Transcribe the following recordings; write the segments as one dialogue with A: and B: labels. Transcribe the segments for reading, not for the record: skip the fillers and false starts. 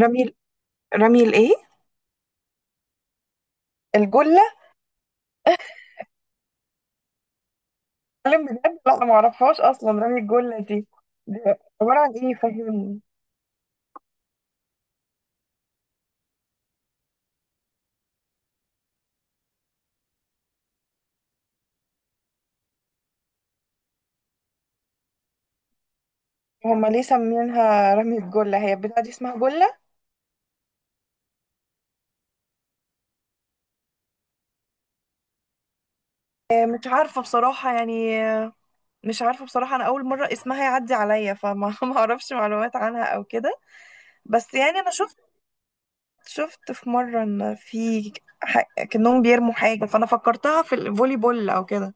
A: رمي رمي الجلة. اتكلم بجد، لا أنا معرفهاش أصلا، رمي الجلة دي عبارة عن إيه؟ فهمني. هما ليه سمينها رمي الجلة؟ هي البتاعة دي اسمها جلة؟ مش عارفة بصراحة يعني، مش عارفة بصراحة. أنا أول مرة اسمها يعدي عليا، فما ما أعرفش معلومات عنها أو كده. بس يعني أنا شفت في مرة إن في كأنهم بيرموا حاجة، فأنا فكرتها في الفولي بول أو كده.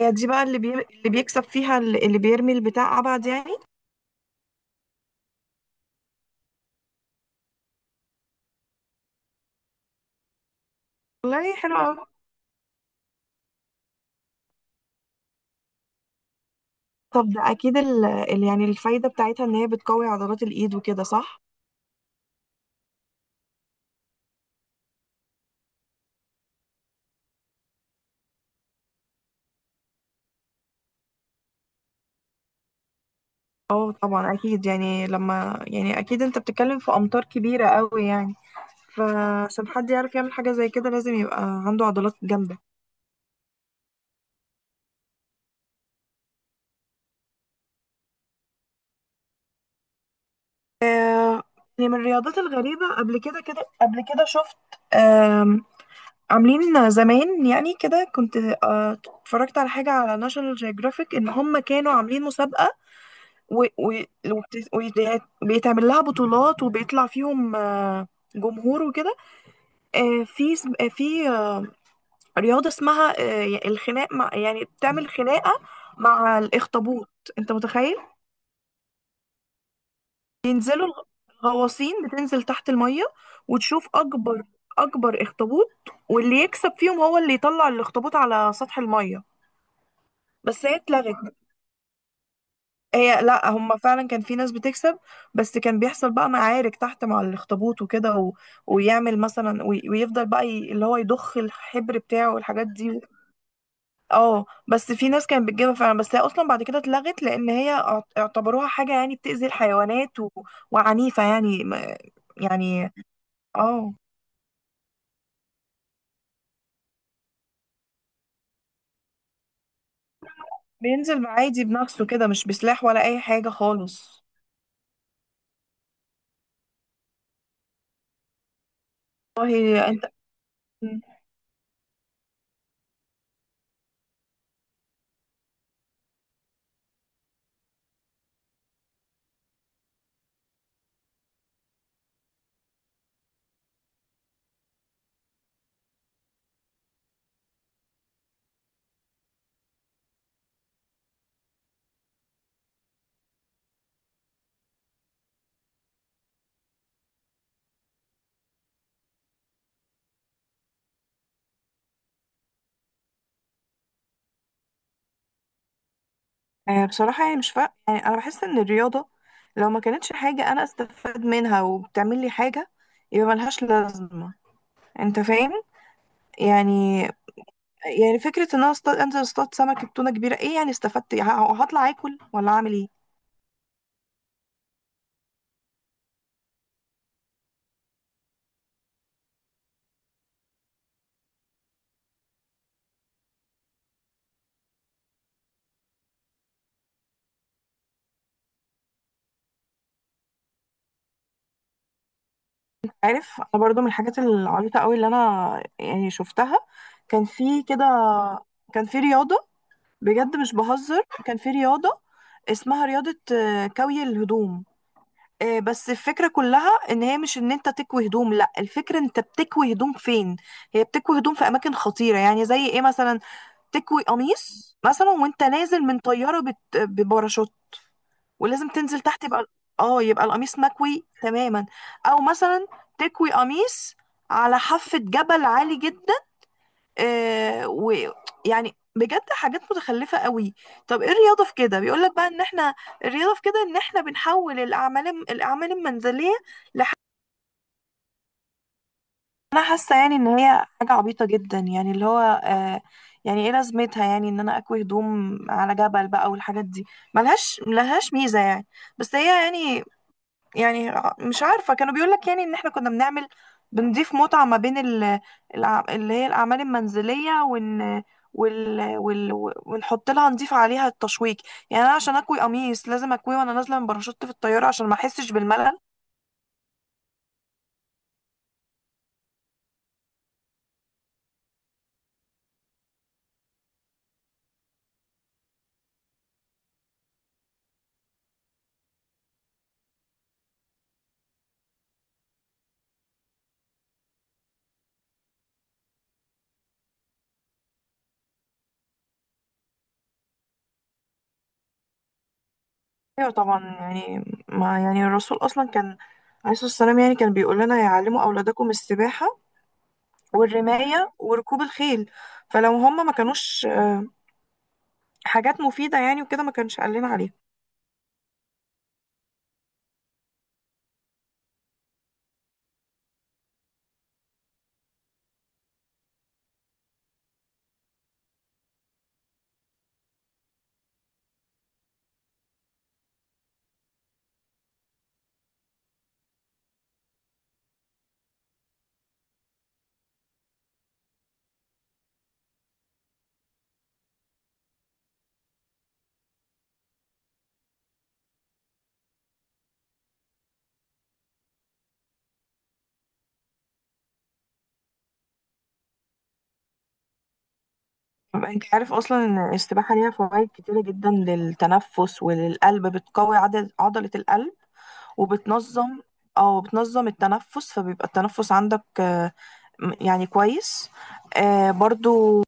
A: هي دي بقى اللي بيكسب فيها، اللي بيرمي البتاع أبعد يعني. والله حلو قوي. طب ده اكيد يعني الفايدة بتاعتها ان هي بتقوي عضلات الايد وكده، صح؟ اه طبعا اكيد يعني، لما يعني اكيد انت بتتكلم في امتار كبيرة قوي يعني. فعشان حد يعرف يعمل حاجة زي كده لازم يبقى عنده عضلات جامدة. يعني من الرياضات الغريبة قبل كده، كده قبل كده شفت، آم، عاملين زمان يعني كده كنت، اتفرجت على حاجة على ناشونال جيوغرافيك ان هم كانوا عاملين مسابقة، و... و... وبت- وبيتعمل لها بطولات وبيطلع فيهم جمهور وكده. آه، في سم- آه، في آه، رياضة اسمها الخناق، مع يعني بتعمل خناقة مع الأخطبوط. أنت متخيل؟ ينزلوا الغ- الغواصين بتنزل تحت المية وتشوف أكبر أخطبوط، واللي يكسب فيهم هو اللي يطلع الأخطبوط على سطح المية. بس هي اتلغت. لا هم فعلا كان في ناس بتكسب، بس كان بيحصل بقى معارك تحت مع الأخطبوط وكده، و... ويعمل مثلا وي... ويفضل بقى اللي هو يضخ الحبر بتاعه والحاجات دي. اه بس في ناس كانت بتجيبها فعلا، بس هي اصلا بعد كده اتلغت، لان هي اعتبروها حاجه يعني بتأذي الحيوانات، و... وعنيفه يعني يعني اه. بينزل عادي بنفسه كده، مش بسلاح ولا اي حاجه خالص. والله انت، بصراحة يعني مش فا... يعني أنا بحس إن الرياضة لو ما كانتش حاجة أنا أستفاد منها وبتعمل لي حاجة يبقى ملهاش لازمة. أنت فاهم؟ يعني، يعني فكرة إن أنا أصطاد، أنزل أصطاد سمكة تونة كبيرة، إيه يعني استفدت؟ هطلع آكل ولا أعمل إيه؟ عارف، انا برضو من الحاجات العبيطه قوي اللي انا يعني شفتها، كان في كده، كان في رياضه، بجد مش بهزر، كان في رياضه اسمها رياضه كوي الهدوم. بس الفكره كلها ان هي مش ان انت تكوي هدوم، لا الفكره انت بتكوي هدوم فين. هي بتكوي هدوم في اماكن خطيره. يعني زي ايه مثلا؟ تكوي قميص مثلا وانت نازل من طياره بباراشوت، ولازم تنزل تحت، يبقى اه يبقى القميص مكوي تماما. او مثلا تكوي قميص على حافة جبل عالي جدا. آه، ويعني بجد حاجات متخلفة قوي. طب ايه الرياضة في كده؟ بيقولك بقى ان احنا، الرياضة في كده ان احنا بنحول الاعمال المنزلية لح... انا حاسة يعني ان هي حاجة عبيطة جدا، يعني اللي هو آه، يعني ايه لازمتها؟ يعني ان انا اكوي هدوم على جبل بقى والحاجات دي، ملهاش ميزة يعني. بس هي يعني، يعني مش عارفة، كانوا بيقولك يعني ان احنا كنا بنعمل، بنضيف متعة ما بين اللي هي الأعمال المنزلية، وإن وال... وال... ونحط لها، نضيف عليها التشويق. يعني أنا عشان أكوي قميص لازم أكويه وأنا نازلة من باراشوت في الطيارة عشان ما أحسش بالملل. أيوة طبعا يعني، ما يعني الرسول أصلا كان، عليه الصلاة والسلام، يعني كان بيقول لنا يعلموا أولادكم السباحة والرماية وركوب الخيل. فلو هم ما كانوش حاجات مفيدة يعني وكده ما كانش قال لنا عليها. انت عارف اصلا ان السباحه ليها فوائد كتيره جدا للتنفس وللقلب، بتقوي عدد عضله القلب وبتنظم، او بتنظم التنفس، فبيبقى التنفس عندك يعني كويس. برضو،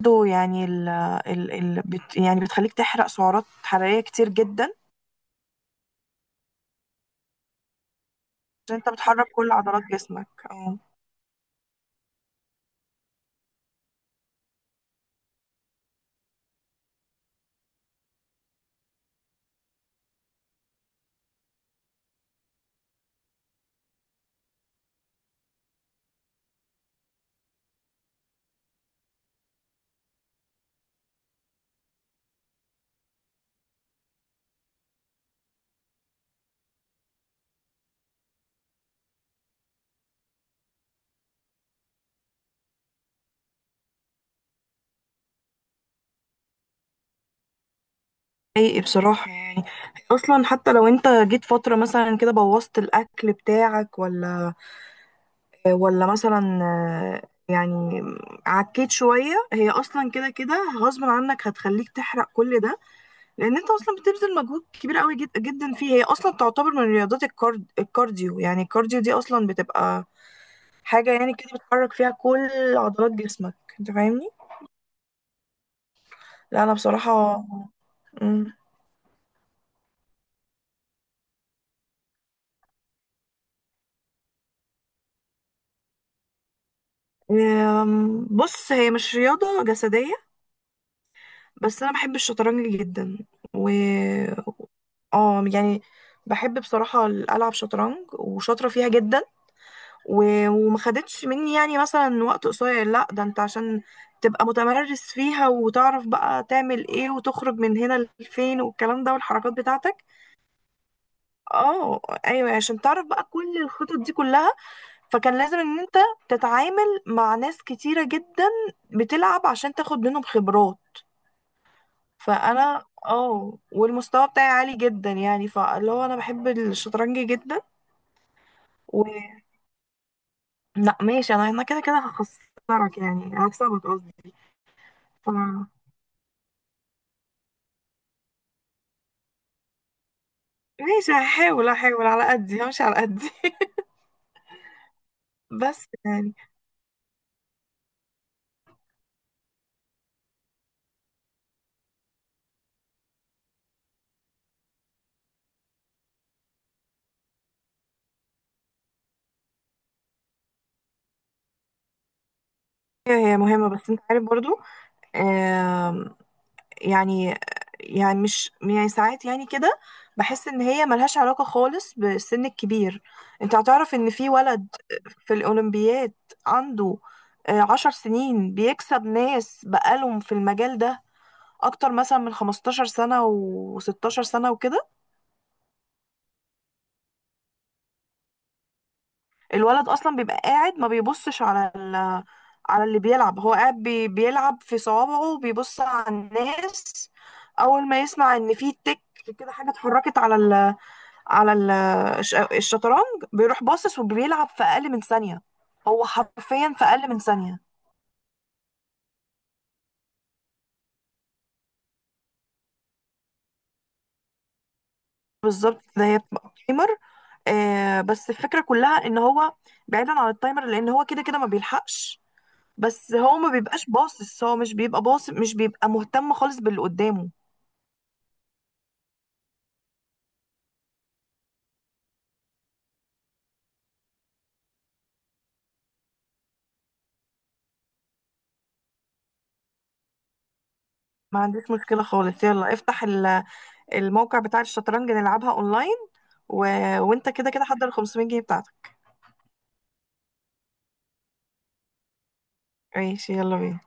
A: برضو يعني ال يعني بتخليك تحرق سعرات حراريه كتير جدا، عشان انت بتحرك كل عضلات جسمك اه. حقيقي بصراحه يعني، اصلا حتى لو انت جيت فتره مثلا كده بوظت الاكل بتاعك ولا، ولا مثلا يعني عكيت شوية، هي أصلا كده كده غصب عنك هتخليك تحرق كل ده، لأن أنت أصلا بتبذل مجهود كبير قوي جدا فيه. هي أصلا تعتبر من رياضات الكارديو، يعني الكارديو دي أصلا بتبقى حاجة يعني كده بتحرك فيها كل عضلات جسمك. أنت فاهمني؟ لا أنا بصراحة، مم. بص، هي مش رياضة جسدية، بس أنا بحب الشطرنج جدا و... اه يعني بحب بصراحة ألعب شطرنج، وشاطرة فيها جدا. وما خدتش مني يعني مثلا وقت قصير، لا ده انت عشان تبقى متمرس فيها وتعرف بقى تعمل ايه وتخرج من هنا لفين، والكلام ده والحركات بتاعتك. اه. ايوه يعني عشان تعرف بقى كل الخطط دي كلها. فكان لازم ان انت تتعامل مع ناس كتيرة جدا بتلعب عشان تاخد منهم خبرات. فانا اه، والمستوى بتاعي عالي جدا يعني، فاللي هو انا بحب الشطرنج جدا. و لا ماشي، انا كده كده هخسرك، يعني هكسبك قصدي. ف ماشي، هحاول على قدي، همشي على قدي. بس يعني، هي مهمة، بس انت عارف برضو، آم، يعني يعني مش يعني ساعات يعني كده بحس ان هي ملهاش علاقة خالص بالسن الكبير. انت هتعرف ان في ولد في الاولمبياد عنده 10 سنين بيكسب ناس بقالهم في المجال ده اكتر مثلا من 15 سنة و16 سنة وكده. الولد اصلا بيبقى قاعد ما بيبصش على ال... على اللي بيلعب، هو قاعد بيلعب في صوابعه وبيبص على الناس. اول ما يسمع ان في تك كده، حاجه اتحركت على ال... على ال... الشطرنج، بيروح باصص وبيلعب في اقل من ثانيه. هو حرفيا في اقل من ثانيه. بالظبط، ده هي بتبقى تايمر. آه، بس الفكره كلها ان هو بعيدا عن التايمر لان هو كده كده ما بيلحقش. بس هو ما بيبقاش باصص، هو مش بيبقى باصص، مش بيبقى مهتم خالص باللي قدامه. ما عنديش مشكلة خالص، يلا افتح الموقع بتاع الشطرنج نلعبها اونلاين. و... وانت كده كده حضر ال 500 جنيه بتاعتك. ماشي يلا بينا.